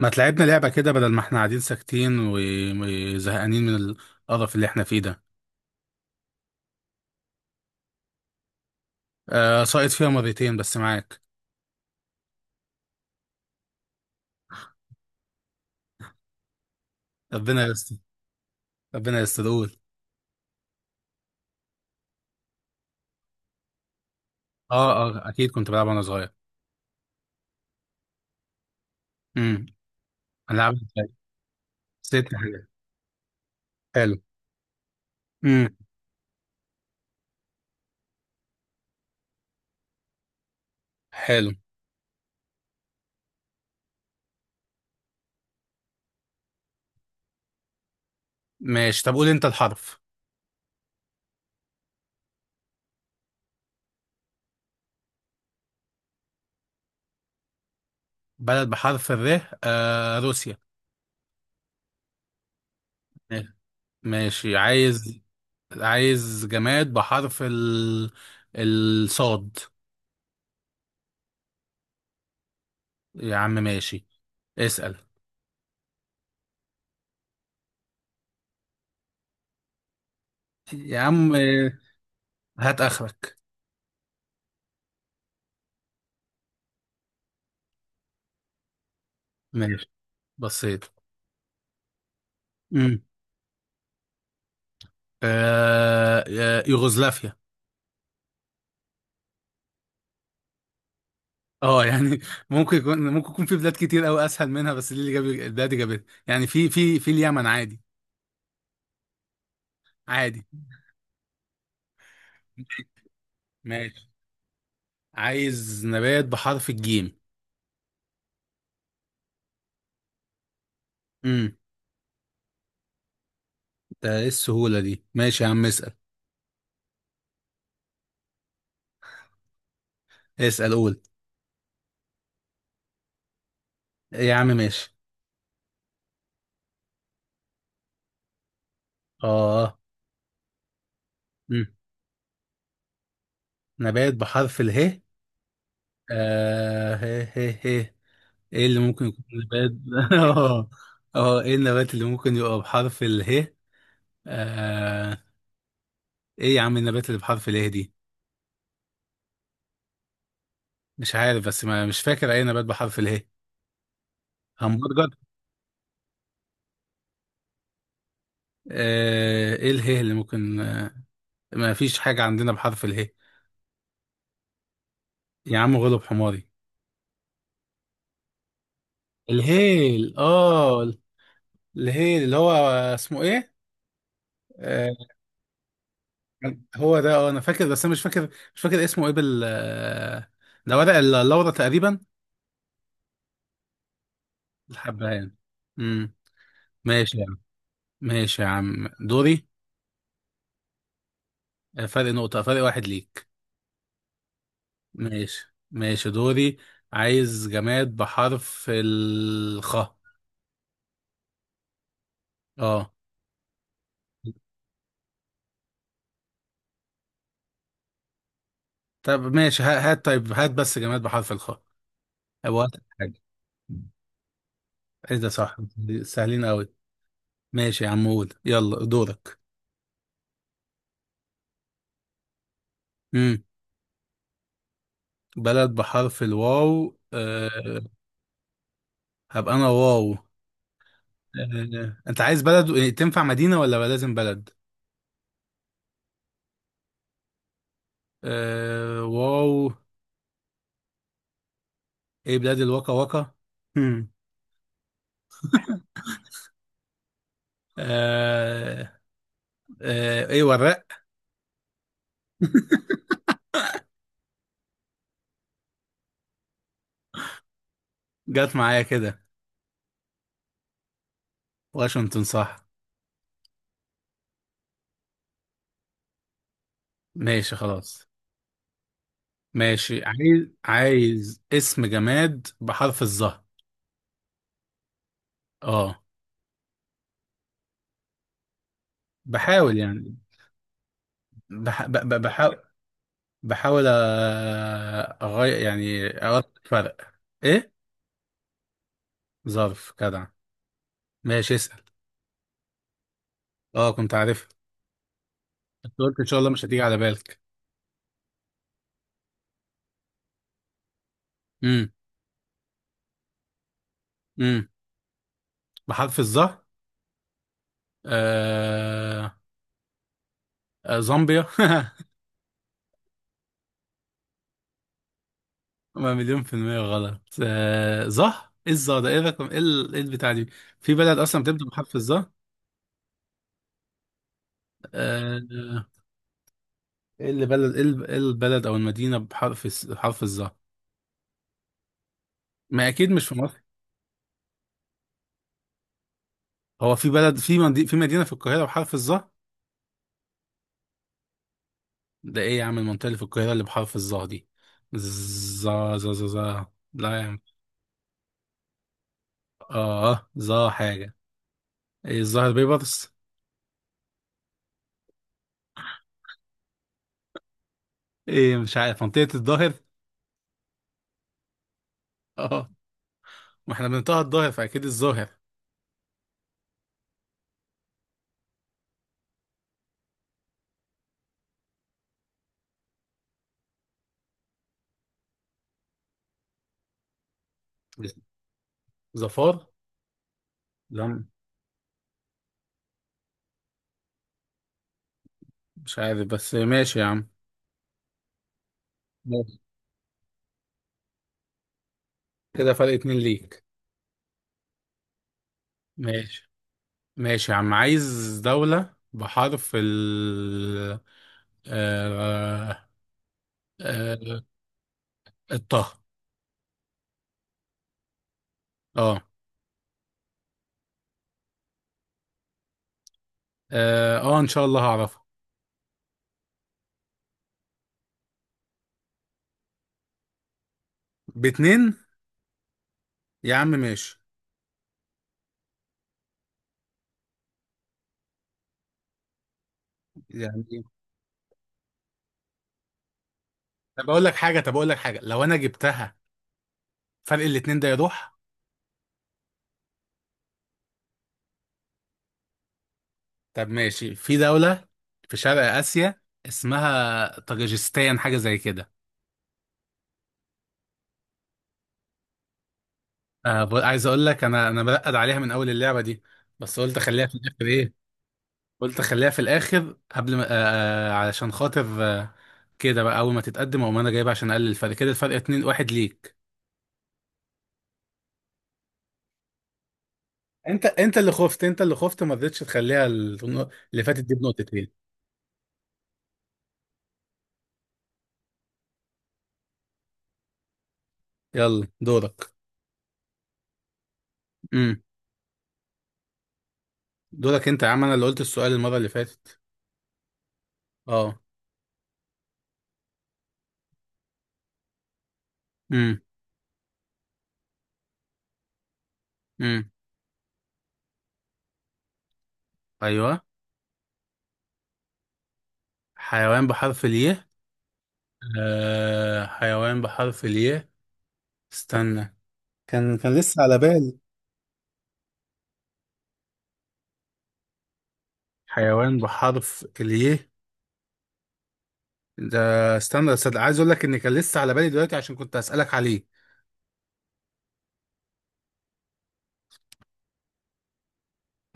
ما تلعبنا لعبة كده بدل ما احنا قاعدين ساكتين وزهقانين من القرف اللي احنا فيه ده؟ آه، ساقط فيها مرتين بس معاك. ربنا يستر. ربنا يستر، قول. اه، اه، اكيد كنت بلعب وانا صغير. امم هنلعبها ازاي؟ ست حاجات. حلو. امم حلو. ماشي، طب قول انت الحرف. بلد بحرف الر؟ روسيا. ماشي، عايز جماد بحرف الصاد. يا عم ماشي، اسأل. يا عم، هات اخرك. ماشي. بسيط. امم يوغوسلافيا. اه، يعني ممكن يكون في بلاد كتير قوي اسهل منها، بس دي اللي جاب البلاد اللي جابتها، يعني في اليمن عادي. عادي. ماشي، عايز نبات بحرف الجيم. امم ده ايه السهولة دي؟ ماشي يا عم، اسأل. اسأل، قول. يا عم ماشي. اه. امم نبات بحرف اله؟ هي، ايه اللي ممكن يكون نبات؟ اه. اه، ايه النبات اللي ممكن يبقى بحرف اله؟ آه... ايه يا عم النبات اللي بحرف اله دي؟ مش عارف، بس ما مش فاكر اي نبات بحرف اله. همبرجر. ايه اله اللي ممكن؟ ما فيش حاجة عندنا بحرف اله. يا عم، غلب حماري. الهيل؟ اه، الهيل اللي هو اسمه ايه؟ آه... هو ده. اه، انا فاكر بس انا مش فاكر اسمه ايه، بال آه، ده ورق اللورا تقريبا. الحبهان. امم ماشي يا عم. ماشي يا عم، دوري. فرق نقطة، فرق واحد ليك. ماشي، ماشي دوري. عايز جماد بحرف الخاء. اه. طب ماشي، هات، طيب هات بس جماد بحرف الخاء. هو أسهل حاجة؟ ايه ده، صح؟ سهلين قوي. ماشي يا عم، قول، يلا دورك. امم بلد بحرف الواو؟ أه. هبقى انا واو. انت عايز بلد إيه، تنفع مدينة ولا لازم بلد؟ واو. ايه، بلاد الواكا واكا. هم. أه. أه، ايه، وراق. جت معايا كده. واشنطن، صح. ماشي، خلاص. ماشي، عايز اسم جماد بحرف الظهر. اه، بحاول يعني. بح... ب... ب... بحاول بحاول اغير يعني، ارد فرق. ايه؟ ظرف. جدع. ماشي، اسال. اه، كنت عارفها، بس قلت ان شاء الله مش هتيجي على بالك. امم امم بحرف الظهر؟ آه... زامبيا ما مليون في المية غلط، آه ظه ايه الظه ده، ايه الرقم، ايه إيه البتاع دي؟ في بلد اصلا بتبدأ بحرف الظه؟ آه ايه اللي، بلد ايه، إيه البلد او المدينة بحرف حرف الظه؟ ما اكيد مش في مصر. هو في بلد، في في مدينة في القاهرة بحرف الظه؟ ده ايه يا عم المنطقة اللي في القاهرة اللي بحرف الظه دي؟ ظا ظا ظا ظا لا يا عم. اه، ظا حاجة. ايه، الظاهر بيبرس؟ ايه، مش عارف، منطقة الظاهر. اه، ما احنا بنطقها الظاهر، فاكيد الظاهر. ظفار. لا، مش عارف، بس ماشي يا عم. ماشي، كده فرق اتنين ليك. ماشي، ماشي يا عم، عايز دولة بحرف آه... آه... الطه. اه. اه، ان شاء الله هعرفها. باتنين. يا عم ماشي، يعني. طب اقول لك حاجة لو انا جبتها، فرق الاتنين ده يروح. طب ماشي، في دولة في شرق آسيا اسمها طاجيكستان، حاجة زي كده. عايز اقول لك، انا برقد عليها من اول اللعبه دي، بس قلت اخليها في الاخر، ايه، قلت اخليها في الاخر قبل ما علشان خاطر كده، بقى اول ما تتقدم، او ما انا جايبها عشان اقلل الفرق، كده الفرق 2-1 ليك. انت اللي خفت، انت اللي خفت، ما رضيتش تخليها اللي فاتت دي بنقطتين. يلا دورك. امم دورك انت يا عم، انا اللي قلت السؤال المره اللي فاتت. اه. امم امم ايوه، حيوان بحرف الياء. حيوان بحرف الياء، استنى، كان لسه على بال. حيوان بحرف الياء ده، استنى بس، ده عايز اقول لك ان كان لسه على بالي دلوقتي عشان كنت اسالك عليه.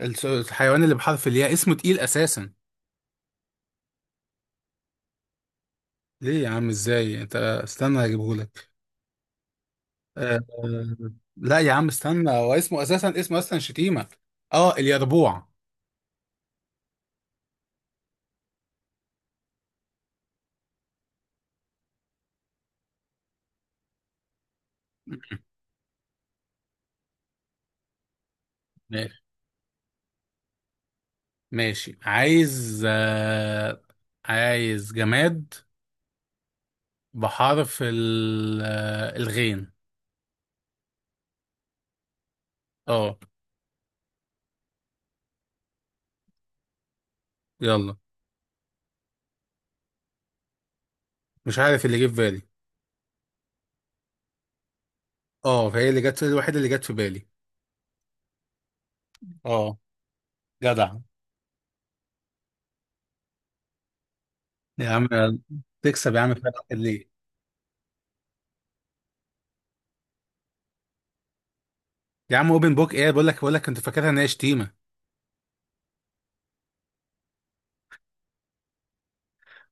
الحيوان اللي بحرف الياء اسمه تقيل اساسا. ليه يا عم؟ ازاي انت؟ استنى اجيبه لك. أه... لا يا عم استنى، هو اسمه اساسا، اسمه اصلا شتيمه. اه، اليربوع. ماشي، ماشي، عايز، عايز جماد بحرف ال... آه، الغين. اه، يلا. مش عارف، اللي جه في بالي. اه، فهي اللي جت، الوحيده اللي جت في بالي. اه. جدع. يا عم. تكسب يا عم، فرق ليه؟ يا عم، اوبن بوك ايه؟ بقول لك كنت فاكرها ان هي شتيمه.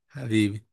حبيبي.